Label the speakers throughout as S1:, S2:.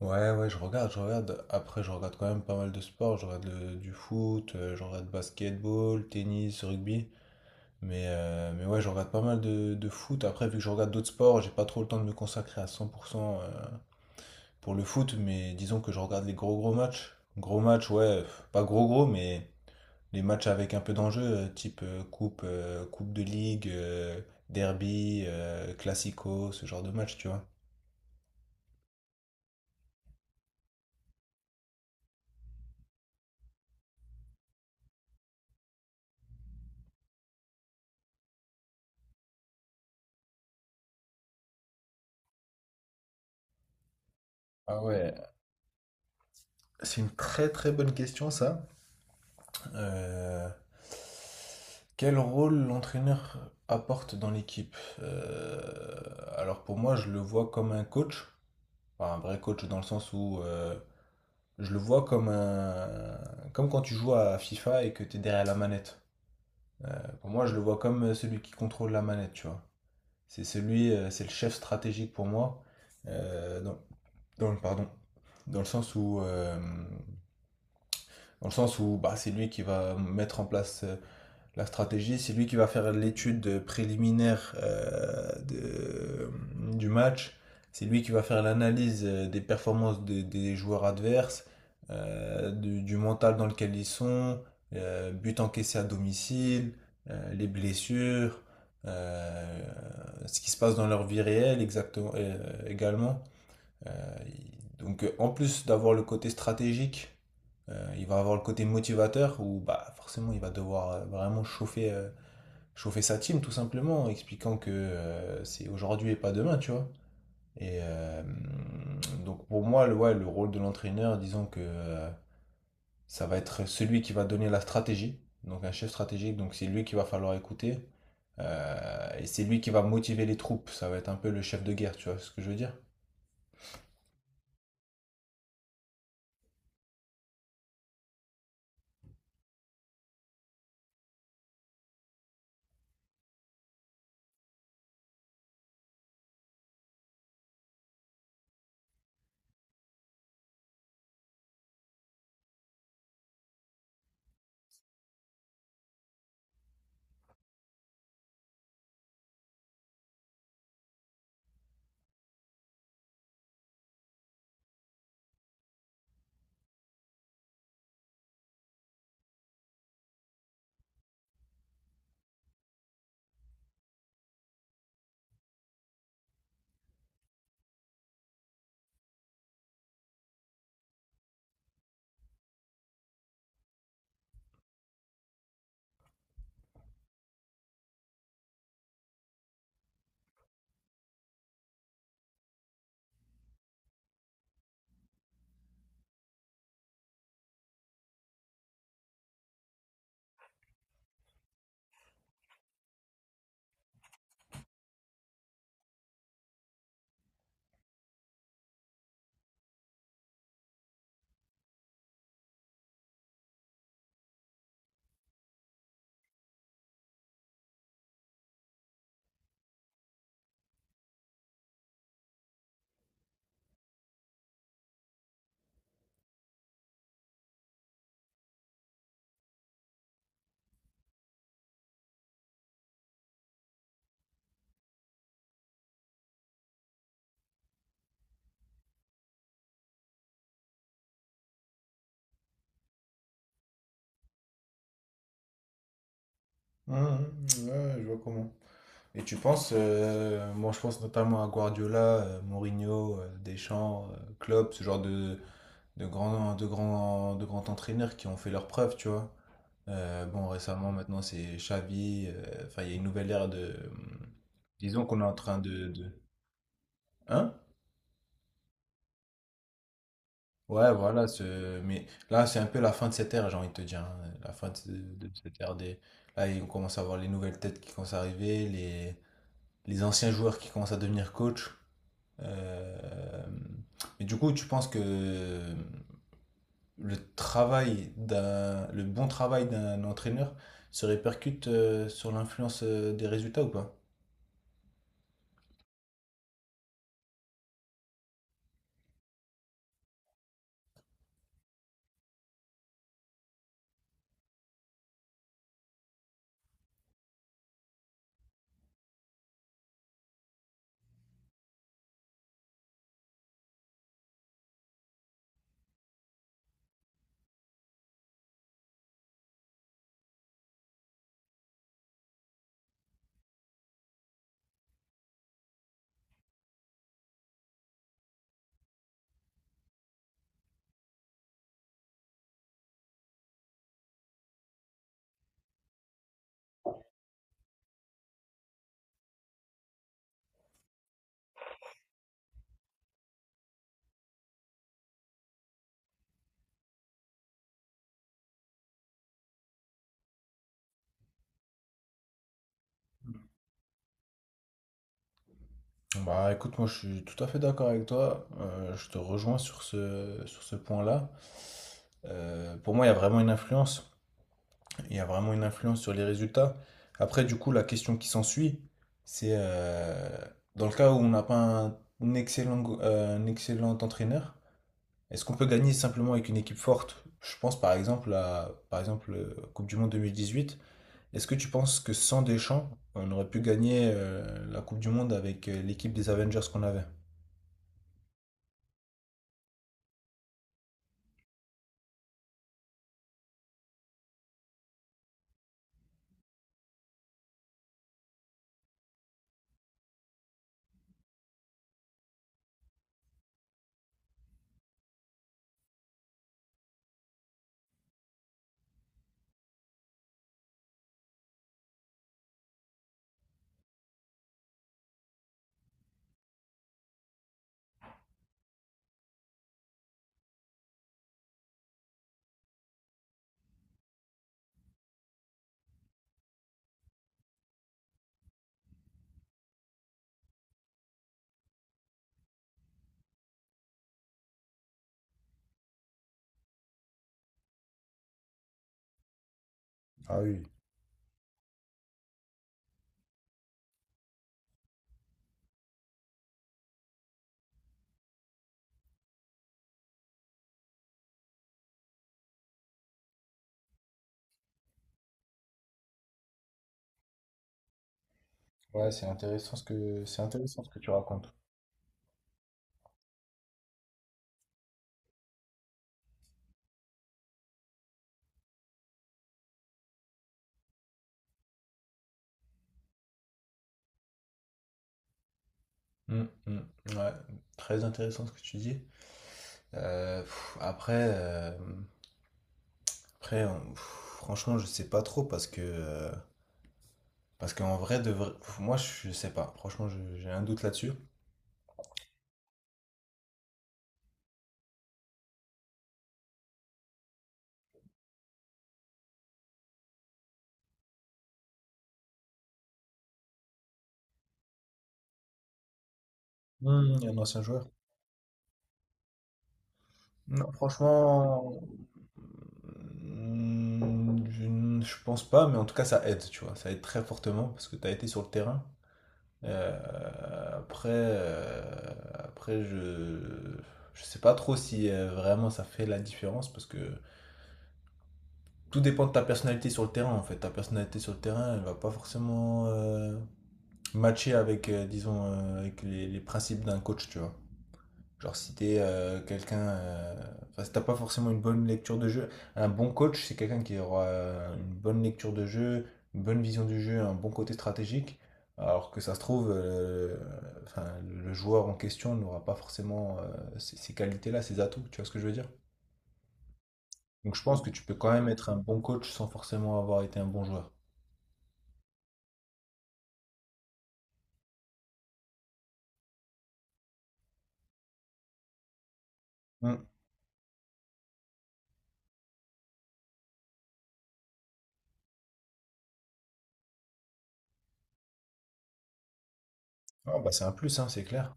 S1: Ouais, ouais, je regarde, je regarde. Après, je regarde quand même pas mal de sports. Du foot, je regarde basketball, tennis, rugby. Mais ouais, je regarde pas mal de foot. Après, vu que je regarde d'autres sports, j'ai pas trop le temps de me consacrer à 100% pour le foot. Mais disons que je regarde les gros gros matchs. Gros matchs, ouais, pas gros gros, mais les matchs avec un peu d'enjeu, type coupe, coupe de ligue, derby, classico, ce genre de match, tu vois. Ah ouais, c'est une très très bonne question ça. Euh, Quel rôle l'entraîneur apporte dans l'équipe? Alors pour moi, je le vois comme un coach, enfin, un vrai coach dans le sens où, je le vois comme un, comme quand tu joues à FIFA et que tu es derrière la manette. Pour moi, je le vois comme celui qui contrôle la manette, tu vois. C'est le chef stratégique pour moi. Euh, dans, dans le, pardon, Dans le sens où, bah, c'est lui qui va mettre en place la stratégie, c'est lui qui va faire l'étude préliminaire du match. C'est lui qui va faire l'analyse des joueurs adverses, du mental dans lequel ils sont, but encaissé à domicile, les blessures, euh, ce qui se passe dans leur vie réelle exactement, également. Euh, donc, en plus d'avoir le côté stratégique, il va avoir le côté motivateur où bah, forcément il va devoir chauffer sa team tout simplement, en expliquant que c'est aujourd'hui et pas demain, tu vois. Et donc pour moi, le rôle de l'entraîneur, disons que ça va être celui qui va donner la stratégie, donc un chef stratégique, donc c'est lui qu'il va falloir écouter. Et c'est lui qui va motiver les troupes, ça va être un peu le chef de guerre, tu vois ce que je veux dire? Mmh, mmh, ouais, je vois comment. Et tu penses, moi je pense notamment à Guardiola, Mourinho, Deschamps, Klopp, ce genre de de grands entraîneurs qui ont fait leurs preuves, tu vois. Bon, récemment maintenant c'est Xavi, enfin il y a une nouvelle ère de... Disons qu'on est en train de... Hein? Ouais, voilà, ce... mais là c'est un peu la fin de cette ère, j'ai envie de te dire, hein. La fin de cette ère des... Là, on commence à voir les nouvelles têtes qui commencent à arriver, les anciens joueurs qui commencent à devenir coach. Euh, mais du coup, tu penses que le bon travail d'un entraîneur se répercute sur l'influence des résultats ou pas? Bah écoute, moi je suis tout à fait d'accord avec toi. Je te rejoins sur ce point-là. Pour moi, il y a vraiment une influence. Il y a vraiment une influence sur les résultats. Après, du coup, la question qui s'ensuit, c'est dans le cas où on n'a pas un excellent entraîneur. Est-ce qu'on peut gagner simplement avec une équipe forte? Je pense par exemple Coupe du Monde 2018. Est-ce que tu penses que sans Deschamps, on aurait pu gagner la Coupe du Monde avec l'équipe des Avengers qu'on avait? Ah oui. Ouais, c'est intéressant ce que tu racontes. Mm, mm, ouais, très intéressant ce que tu dis. Après, après on- pff, franchement, je sais pas trop parce que parce qu'en vrai, moi, je sais pas. Franchement, j'ai un doute là-dessus. Mm, un ancien joueur. Non, franchement, mm, je pense pas, mais en tout cas, ça aide, tu vois. Ça aide très fortement parce que tu as été sur le terrain. Euh, après, euh, Après, je sais pas trop si vraiment ça fait la différence parce que tout dépend de ta personnalité sur le terrain, en fait. Ta personnalité sur le terrain, elle va pas forcément matcher disons, avec les principes d'un coach, tu vois. Genre, si t'as pas forcément une bonne lecture de jeu, un bon coach, c'est quelqu'un qui aura une bonne lecture de jeu, une bonne vision du jeu, un bon côté stratégique. Alors que ça se trouve, enfin, le joueur en question n'aura pas forcément ces qualités-là, ces atouts, tu vois ce que je veux dire? Donc je pense que tu peux quand même être un bon coach sans forcément avoir été un bon joueur. Hmm. Ah, bah, c'est un plus, hein, c'est clair.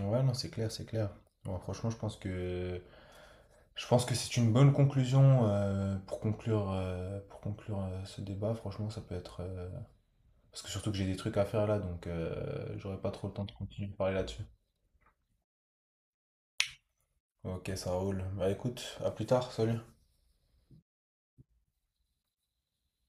S1: Ouais, non, c'est clair, c'est clair. Bon, franchement, je pense que c'est une bonne conclusion pour conclure ce débat. Franchement, ça peut être. Parce que surtout que j'ai des trucs à faire là, donc j'aurai pas trop le temps de continuer de parler là-dessus. Ok, ça roule. Bah écoute, à plus tard, salut.